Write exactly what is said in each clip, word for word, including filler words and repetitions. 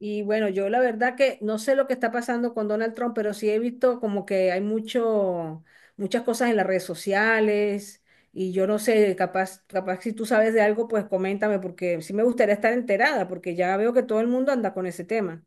Y bueno, yo la verdad que no sé lo que está pasando con Donald Trump, pero sí he visto como que hay mucho, muchas cosas en las redes sociales y yo no sé, capaz, capaz si tú sabes de algo, pues coméntame porque sí me gustaría estar enterada porque ya veo que todo el mundo anda con ese tema.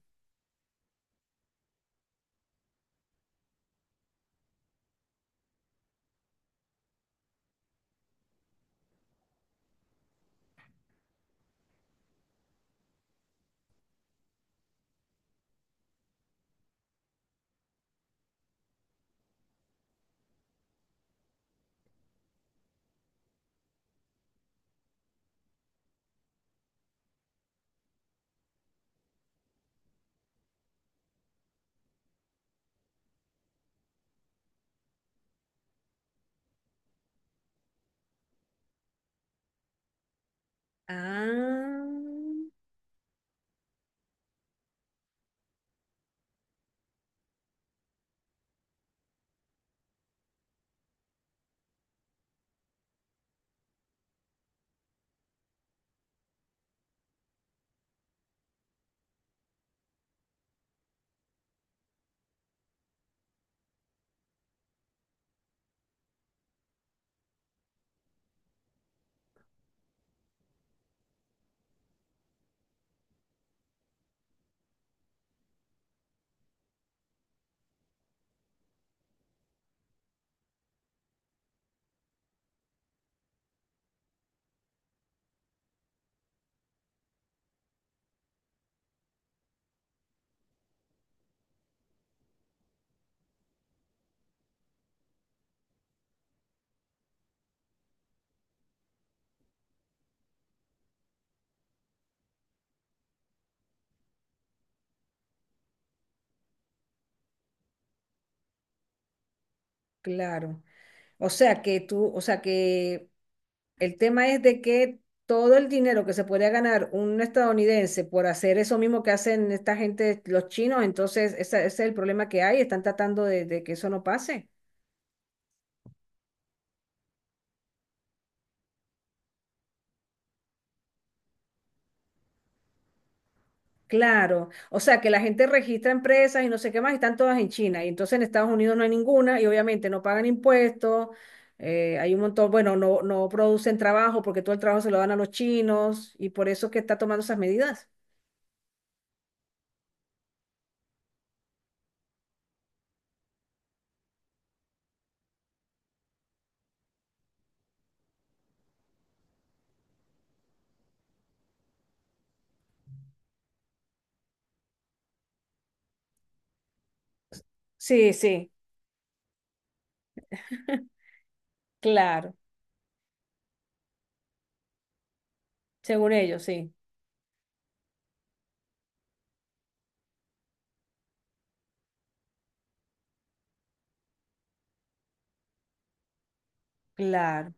Ah, claro. O sea que tú, o sea que el tema es de que todo el dinero que se podría ganar un estadounidense por hacer eso mismo que hacen esta gente, los chinos, entonces esa- ese, es el problema que hay, están tratando de, de que eso no pase. Claro, o sea que la gente registra empresas y no sé qué más, y están todas en China, y entonces en Estados Unidos no hay ninguna, y obviamente no pagan impuestos, eh, hay un montón, bueno, no, no producen trabajo porque todo el trabajo se lo dan a los chinos, y por eso es que está tomando esas medidas. Sí, sí. Claro, según ellos, sí, claro.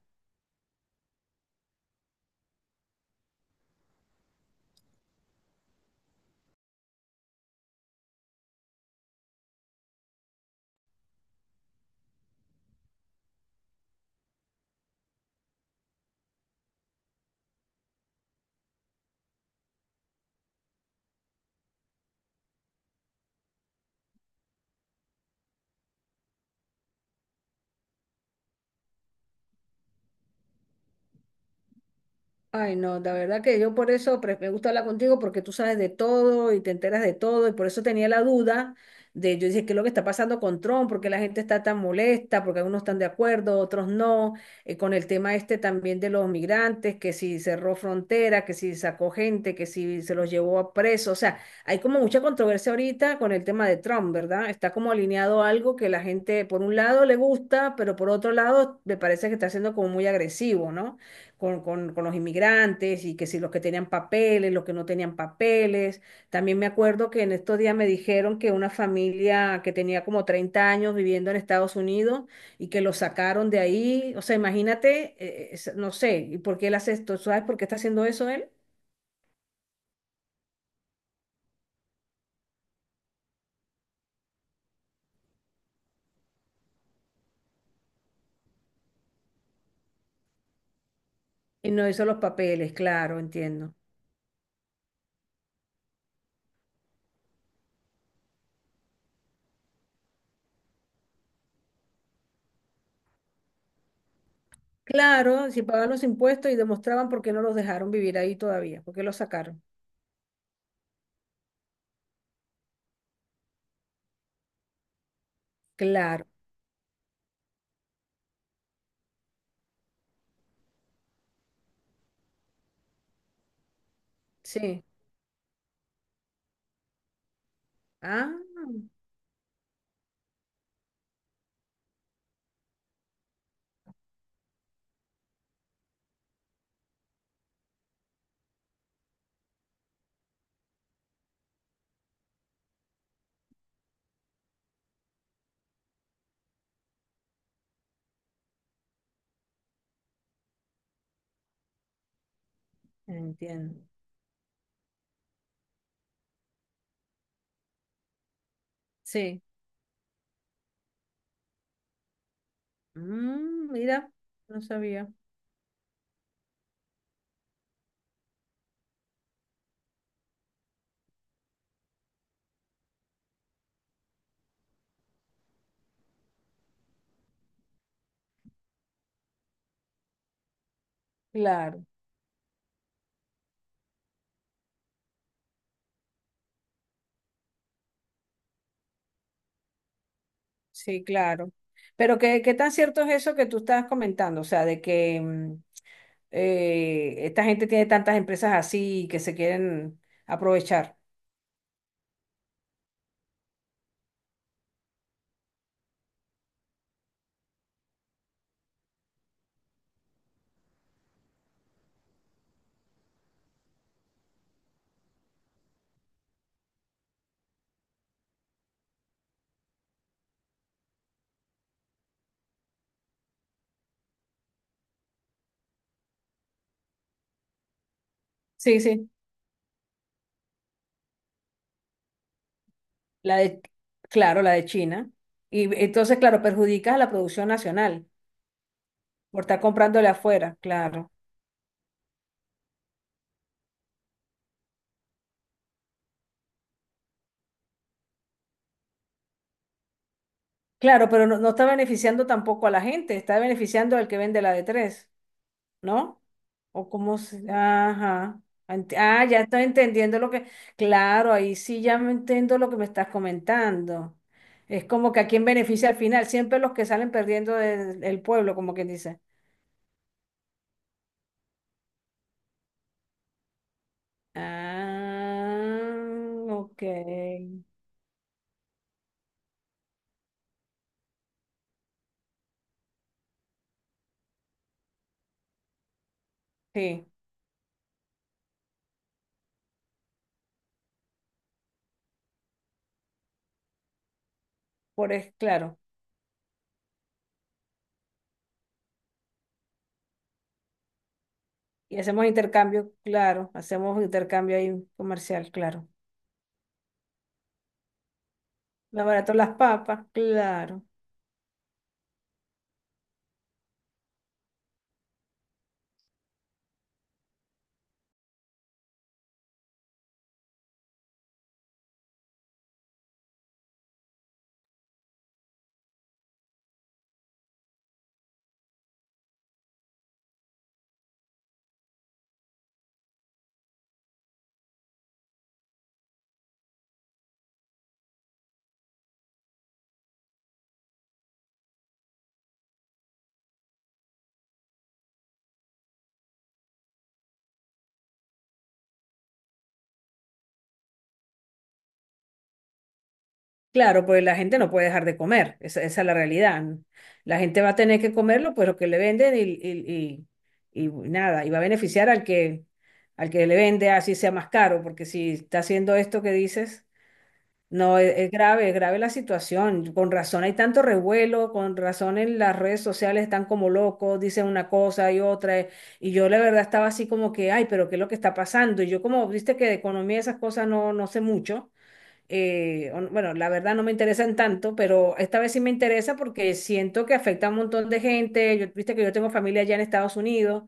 Ay, no, la verdad que yo por eso pre- me gusta hablar contigo porque tú sabes de todo y te enteras de todo y por eso tenía la duda de, yo dije, ¿qué es lo que está pasando con Trump? ¿Por qué la gente está tan molesta? Porque algunos están de acuerdo, otros no. Eh, con el tema este también de los migrantes, que si cerró frontera, que si sacó gente, que si se los llevó a preso. O sea, hay como mucha controversia ahorita con el tema de Trump, ¿verdad? Está como alineado a algo que la gente por un lado le gusta, pero por otro lado me parece que está siendo como muy agresivo, ¿no? con, con, con los inmigrantes y que si los que tenían papeles, los que no tenían papeles. También me acuerdo que en estos días me dijeron que una familia que tenía como treinta años viviendo en Estados Unidos y que lo sacaron de ahí. O sea, imagínate, eh, es- no sé, ¿y por qué él hace esto? ¿Sabes por qué está haciendo eso él? Y no hizo los papeles, claro, entiendo. Claro, si pagaban los impuestos y demostraban por qué no los dejaron vivir ahí todavía, por qué los sacaron. Claro, sí. Ah, entiendo. Sí. Mm, mira, no sabía. Claro, sí, claro. Pero ¿qué, qué tan cierto es eso que tú estás comentando? O sea, de que mm, eh, esta gente tiene tantas empresas así que se quieren aprovechar. Sí, sí. La de, claro, la de China. Y entonces, claro, perjudicas a la producción nacional por estar comprándole afuera, claro. Claro, pero no, no está beneficiando tampoco a la gente, está beneficiando al que vende la de tres. ¿No? O cómo se... Ajá. Ent- Ah, ya estoy entendiendo lo que... Claro, ahí sí ya me entiendo lo que me estás comentando. Es como que a quién beneficia al final, siempre los que salen perdiendo del el pueblo, como quien dice. Ah, ok. Sí, por es claro. Y hacemos intercambio, claro. Hacemos intercambio ahí comercial, claro. Más barato las papas, claro. Claro, pues la gente no puede dejar de comer, esa, esa es la realidad. La gente va a tener que comerlo, pues lo que le venden y, y, y, y nada, y va a beneficiar al que, al que le vende, así sea más caro, porque si está haciendo esto que dices, no, es, es grave, es grave la situación. Con razón hay tanto revuelo, con razón en las redes sociales están como locos, dicen una cosa y otra, eh, y yo la verdad estaba así como que, ay, pero ¿qué es lo que está pasando? Y yo como, viste que de economía y esas cosas no, no sé mucho eh, o- no, bueno, la verdad no me interesan tanto, pero esta vez sí me interesa porque siento que afecta a un montón de gente. Yo, viste que yo tengo familia allá en Estados Unidos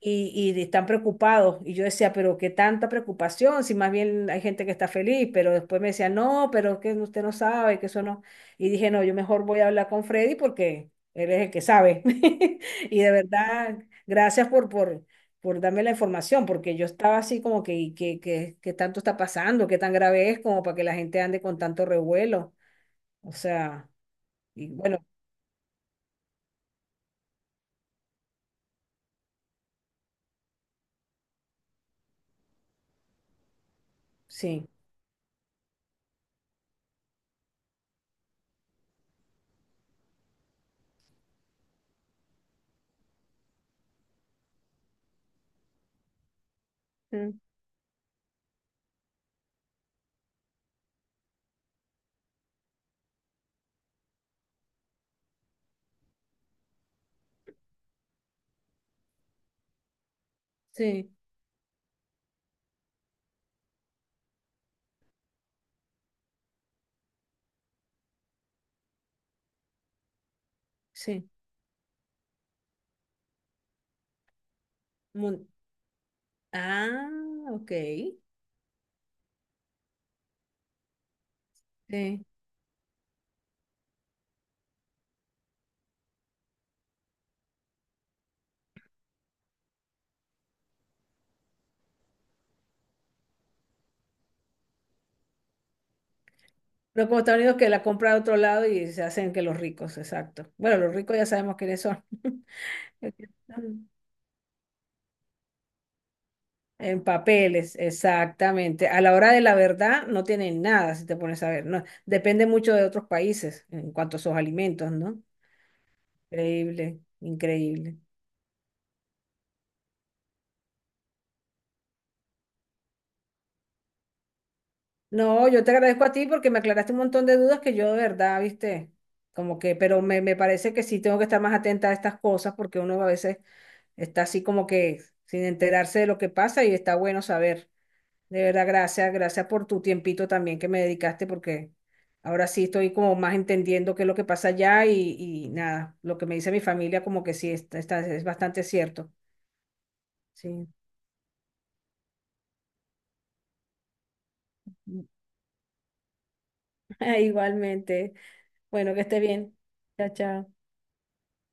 y, y están preocupados. Y yo decía, pero qué tanta preocupación, si más bien hay gente que está feliz, pero después me decía, no, pero es que usted no sabe, que eso no. Y dije, no, yo mejor voy a hablar con Freddy porque él es el que sabe. Y de verdad, gracias por, por, por darme la información, porque yo estaba así como que, ¿y qué, qué, qué tanto está pasando? ¿Qué tan grave es como para que la gente ande con tanto revuelo? O sea, y bueno, sí. Mm. Sí, sí. Mun- Ah, ok. Sí. No como Estados Unidos que la compra de otro lado y se hacen que los ricos, exacto. Bueno, los ricos ya sabemos quiénes son. En papeles, exactamente. A la hora de la verdad no tienen nada, si te pones a ver. No, depende mucho de otros países en cuanto a sus alimentos, ¿no? Increíble, increíble. No, yo te agradezco a ti porque me aclaraste un montón de dudas que yo de verdad, viste, como que, pero me, me parece que sí tengo que estar más atenta a estas cosas porque uno a veces está así como que sin enterarse de lo que pasa y está bueno saber. De verdad, gracias, gracias por tu tiempito también que me dedicaste porque ahora sí estoy como más entendiendo qué es lo que pasa allá y, y nada, lo que me dice mi familia como que sí, está, está- es bastante cierto. Sí. Igualmente. Bueno, que esté bien. Chao, chao.